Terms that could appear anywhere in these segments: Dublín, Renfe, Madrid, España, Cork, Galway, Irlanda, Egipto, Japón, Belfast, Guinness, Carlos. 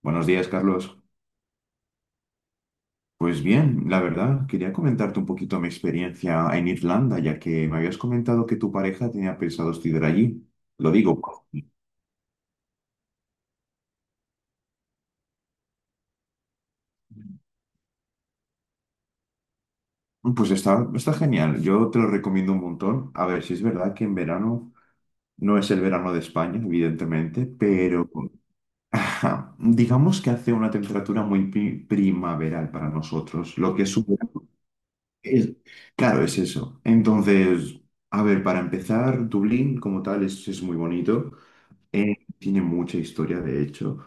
Buenos días, Carlos. Pues bien, la verdad, quería comentarte un poquito mi experiencia en Irlanda, ya que me habías comentado que tu pareja tenía pensado estudiar allí. Lo digo, pues está genial. Yo te lo recomiendo un montón. A ver, si es verdad que en verano no es el verano de España, evidentemente, pero ajá, digamos que hace una temperatura muy primaveral para nosotros. Lo que es, un verano es- claro, es eso. Entonces, a ver, para empezar, Dublín como tal es muy bonito. Tiene mucha historia, de hecho.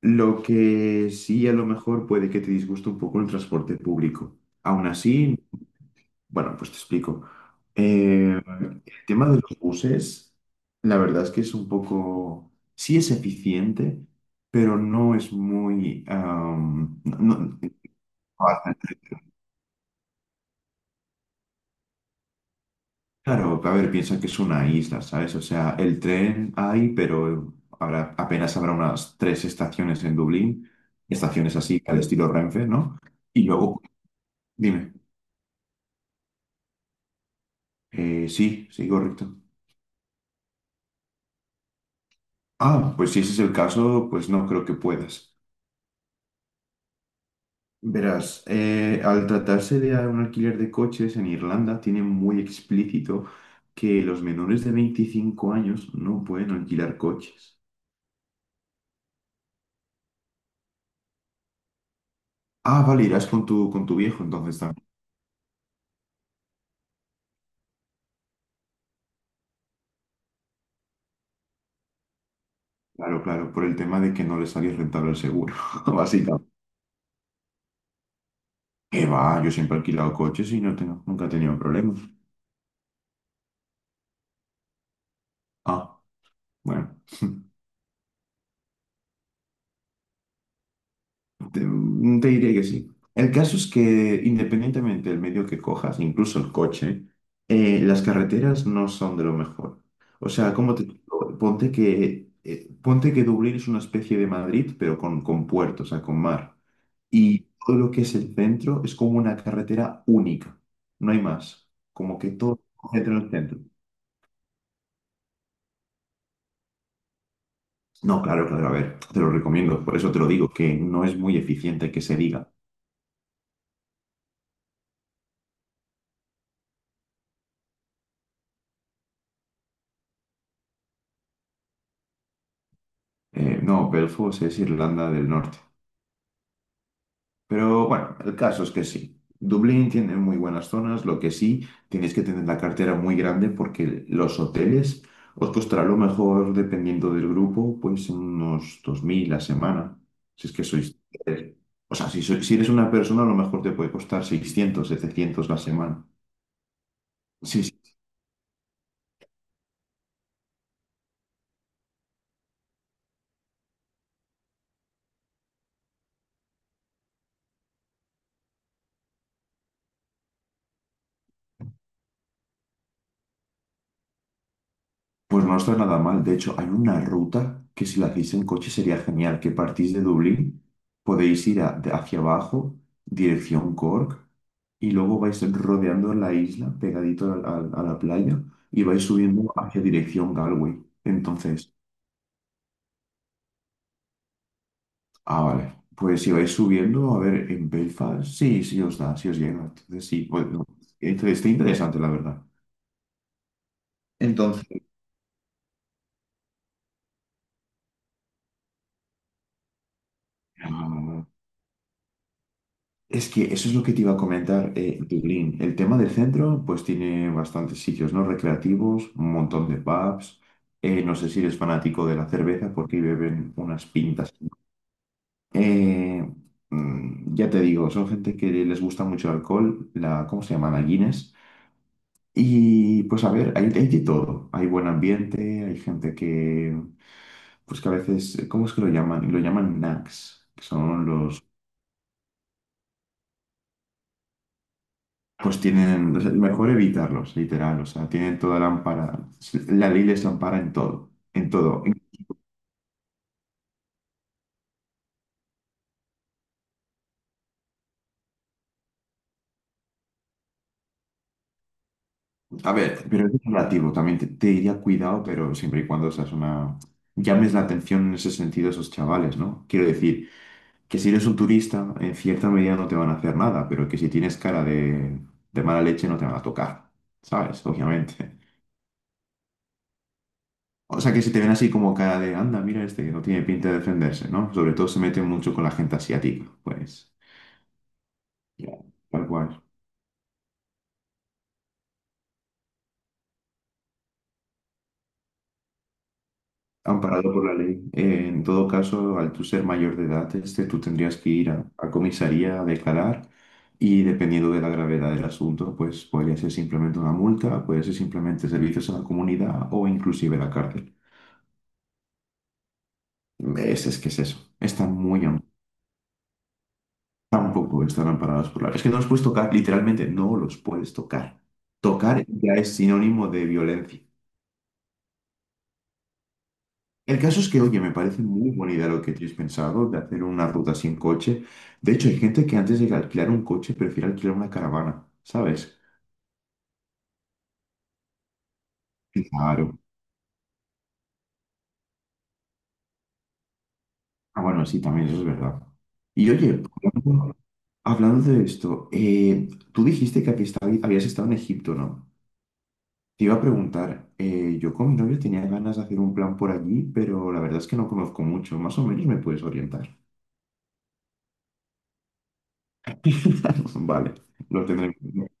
Lo que sí a lo mejor puede que te disguste un poco el transporte público. Aún así, bueno, pues te explico. Eh, el tema de los buses, la verdad es que es un poco, sí es eficiente, pero no es muy, am, no- no- Claro, a ver, piensa que es una isla, ¿sabes? O sea, el tren hay, pero habrá, apenas habrá unas tres estaciones en Dublín, estaciones así, al estilo Renfe, ¿no? Y luego, dime. Sí, sí, correcto. Ah, pues si ese es el caso, pues no creo que puedas. Verás, al tratarse de un alquiler de coches en Irlanda, tiene muy explícito que los menores de 25 años no pueden alquilar coches. Ah, vale, irás con tu viejo entonces. Claro, claro, por el tema de que no le salía rentable el seguro, básicamente. ¿Qué va? Yo siempre he alquilado coches y no tengo, nunca he tenido problemas. Ah, bueno. Te diría que sí. El caso es que independientemente del medio que cojas, incluso el coche, las carreteras no son de lo mejor. O sea, ¿como te digo? Ponte que, ponte que Dublín es una especie de Madrid, pero con puerto, o sea, con mar. Y todo lo que es el centro es como una carretera única, no hay más. Como que todo se concentra en el centro. No, claro, claro, a ver, te lo recomiendo, por eso te lo digo, que no es muy eficiente que se diga. No, Belfast es Irlanda del Norte. Pero bueno, el caso es que sí. Dublín tiene muy buenas zonas, lo que sí, tienes que tener la cartera muy grande porque los hoteles os costará a lo mejor, dependiendo del grupo, pues unos 2.000 la semana. Si es que sois... O sea, si, si eres una persona, a lo mejor te puede costar 600 700 la semana. Sí, sí. Pues no está nada mal. De hecho, hay una ruta que si la hacéis en coche sería genial, que partís de Dublín, podéis ir hacia abajo, dirección Cork, y luego vais rodeando la isla pegadito a la playa y vais subiendo hacia dirección Galway. Entonces, ah, vale. Pues si vais subiendo, a ver, en Belfast, sí, sí os da, sí os llega. Entonces, sí, bueno, entonces está interesante, la verdad. Entonces, es que eso es lo que te iba a comentar, Dublín. El tema del centro, pues tiene bastantes sitios, ¿no? Recreativos, un montón de pubs. No sé si eres fanático de la cerveza porque beben unas pintas. Eh, ya te digo, son gente que les gusta mucho el alcohol, la, ¿cómo se llama? La Guinness. Y pues a ver, hay de todo. Hay buen ambiente, hay gente que, pues que a veces, ¿cómo es que lo llaman? Lo llaman nags, que son los... Pues tienen, o sea, mejor evitarlos, literal, o sea, tienen toda la ampara, la ley les ampara en todo, en todo. A ver, pero es relativo, también te diría cuidado, pero siempre y cuando seas una... llames la atención en ese sentido a esos chavales, ¿no? Quiero decir, que si eres un turista, en cierta medida no te van a hacer nada, pero que si tienes cara de mala leche no te van a tocar, ¿sabes? Obviamente. O sea, que si te ven así como cara de, anda, mira este, que no tiene pinta de defenderse, ¿no? Sobre todo se meten mucho con la gente asiática, pues. Ya. Tal cual. Amparado por la ley. En todo caso, al tú ser mayor de edad, este, tú tendrías que ir a comisaría a declarar y dependiendo de la gravedad del asunto, pues podría ser simplemente una multa, puede ser simplemente servicios a la comunidad o inclusive la cárcel. Es que es eso. Están muy, tampoco están amparados por la ley. Es que no los puedes tocar, literalmente no los puedes tocar. Tocar ya es sinónimo de violencia. El caso es que, oye, me parece muy buena idea lo que tienes pensado de hacer una ruta así en coche. De hecho, hay gente que antes de alquilar un coche prefiere alquilar una caravana, ¿sabes? Sí, claro. Ah, bueno, sí, también eso es verdad. Y oye, hablando, hablando de esto, tú dijiste que habías estado en Egipto, ¿no? Te iba a preguntar, yo con mi novio tenía ganas de hacer un plan por allí, pero la verdad es que no conozco mucho. Más o menos me puedes orientar. Vale, lo tendré en cuenta.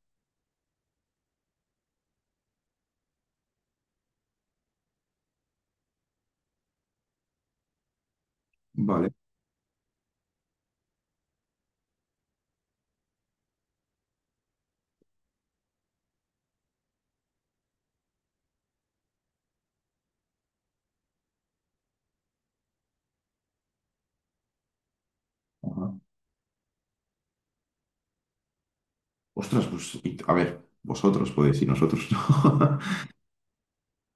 Vale. Ajá. Ostras, pues, a ver, vosotros podéis y nosotros no.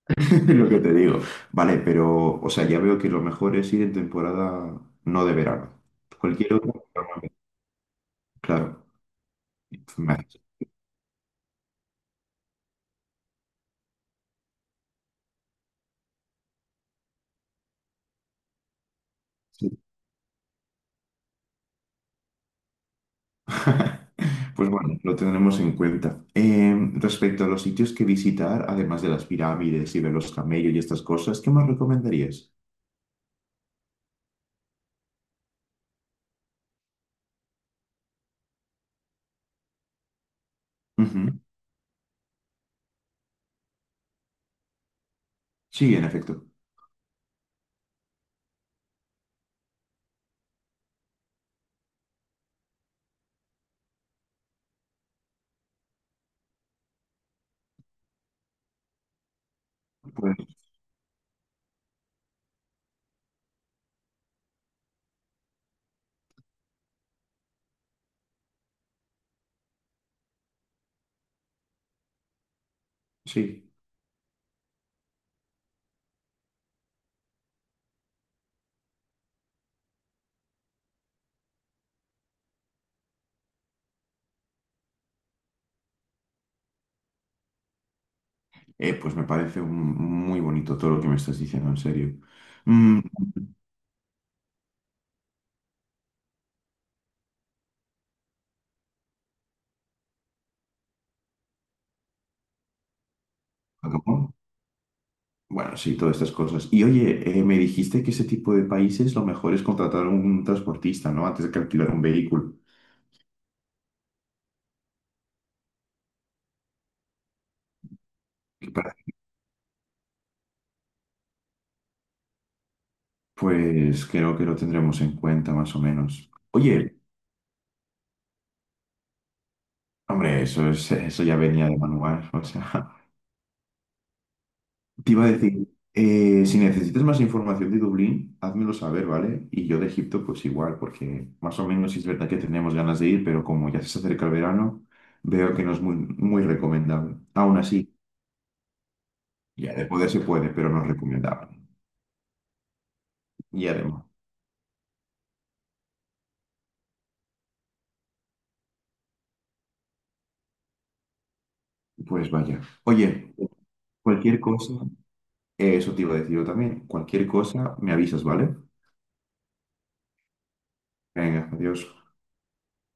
Lo que te digo. Vale, pero, o sea, ya veo que lo mejor es ir en temporada no de verano. Cualquier otra, pero no. Claro. Me haces- sí. Pues bueno, lo tendremos en cuenta. Respecto a los sitios que visitar, además de las pirámides y ver los camellos y estas cosas, ¿qué más recomendarías? Ujú. Sí, en efecto. Pues sí. Pues me parece muy bonito todo lo que me estás diciendo, en serio. Mm, Japón. Bueno, sí, todas estas cosas. Y oye, me dijiste que ese tipo de países lo mejor es contratar un transportista, ¿no? Antes de que alquilar un vehículo. para- Pues creo que lo tendremos en cuenta más o menos. Oye, hombre, eso ya venía de manual. O sea, te iba a decir, si necesitas más información de Dublín, házmelo saber, ¿vale? Y yo de Egipto, pues igual, porque más o menos sí es verdad que tenemos ganas de ir, pero como ya se acerca el verano, veo que no es muy, muy recomendable. Aún así. Ya, de poder se puede, pero no es recomendable. Y además, pues vaya. Oye, cualquier cosa, eso te iba a decir yo también. Cualquier cosa, me avisas, ¿vale? Venga, adiós.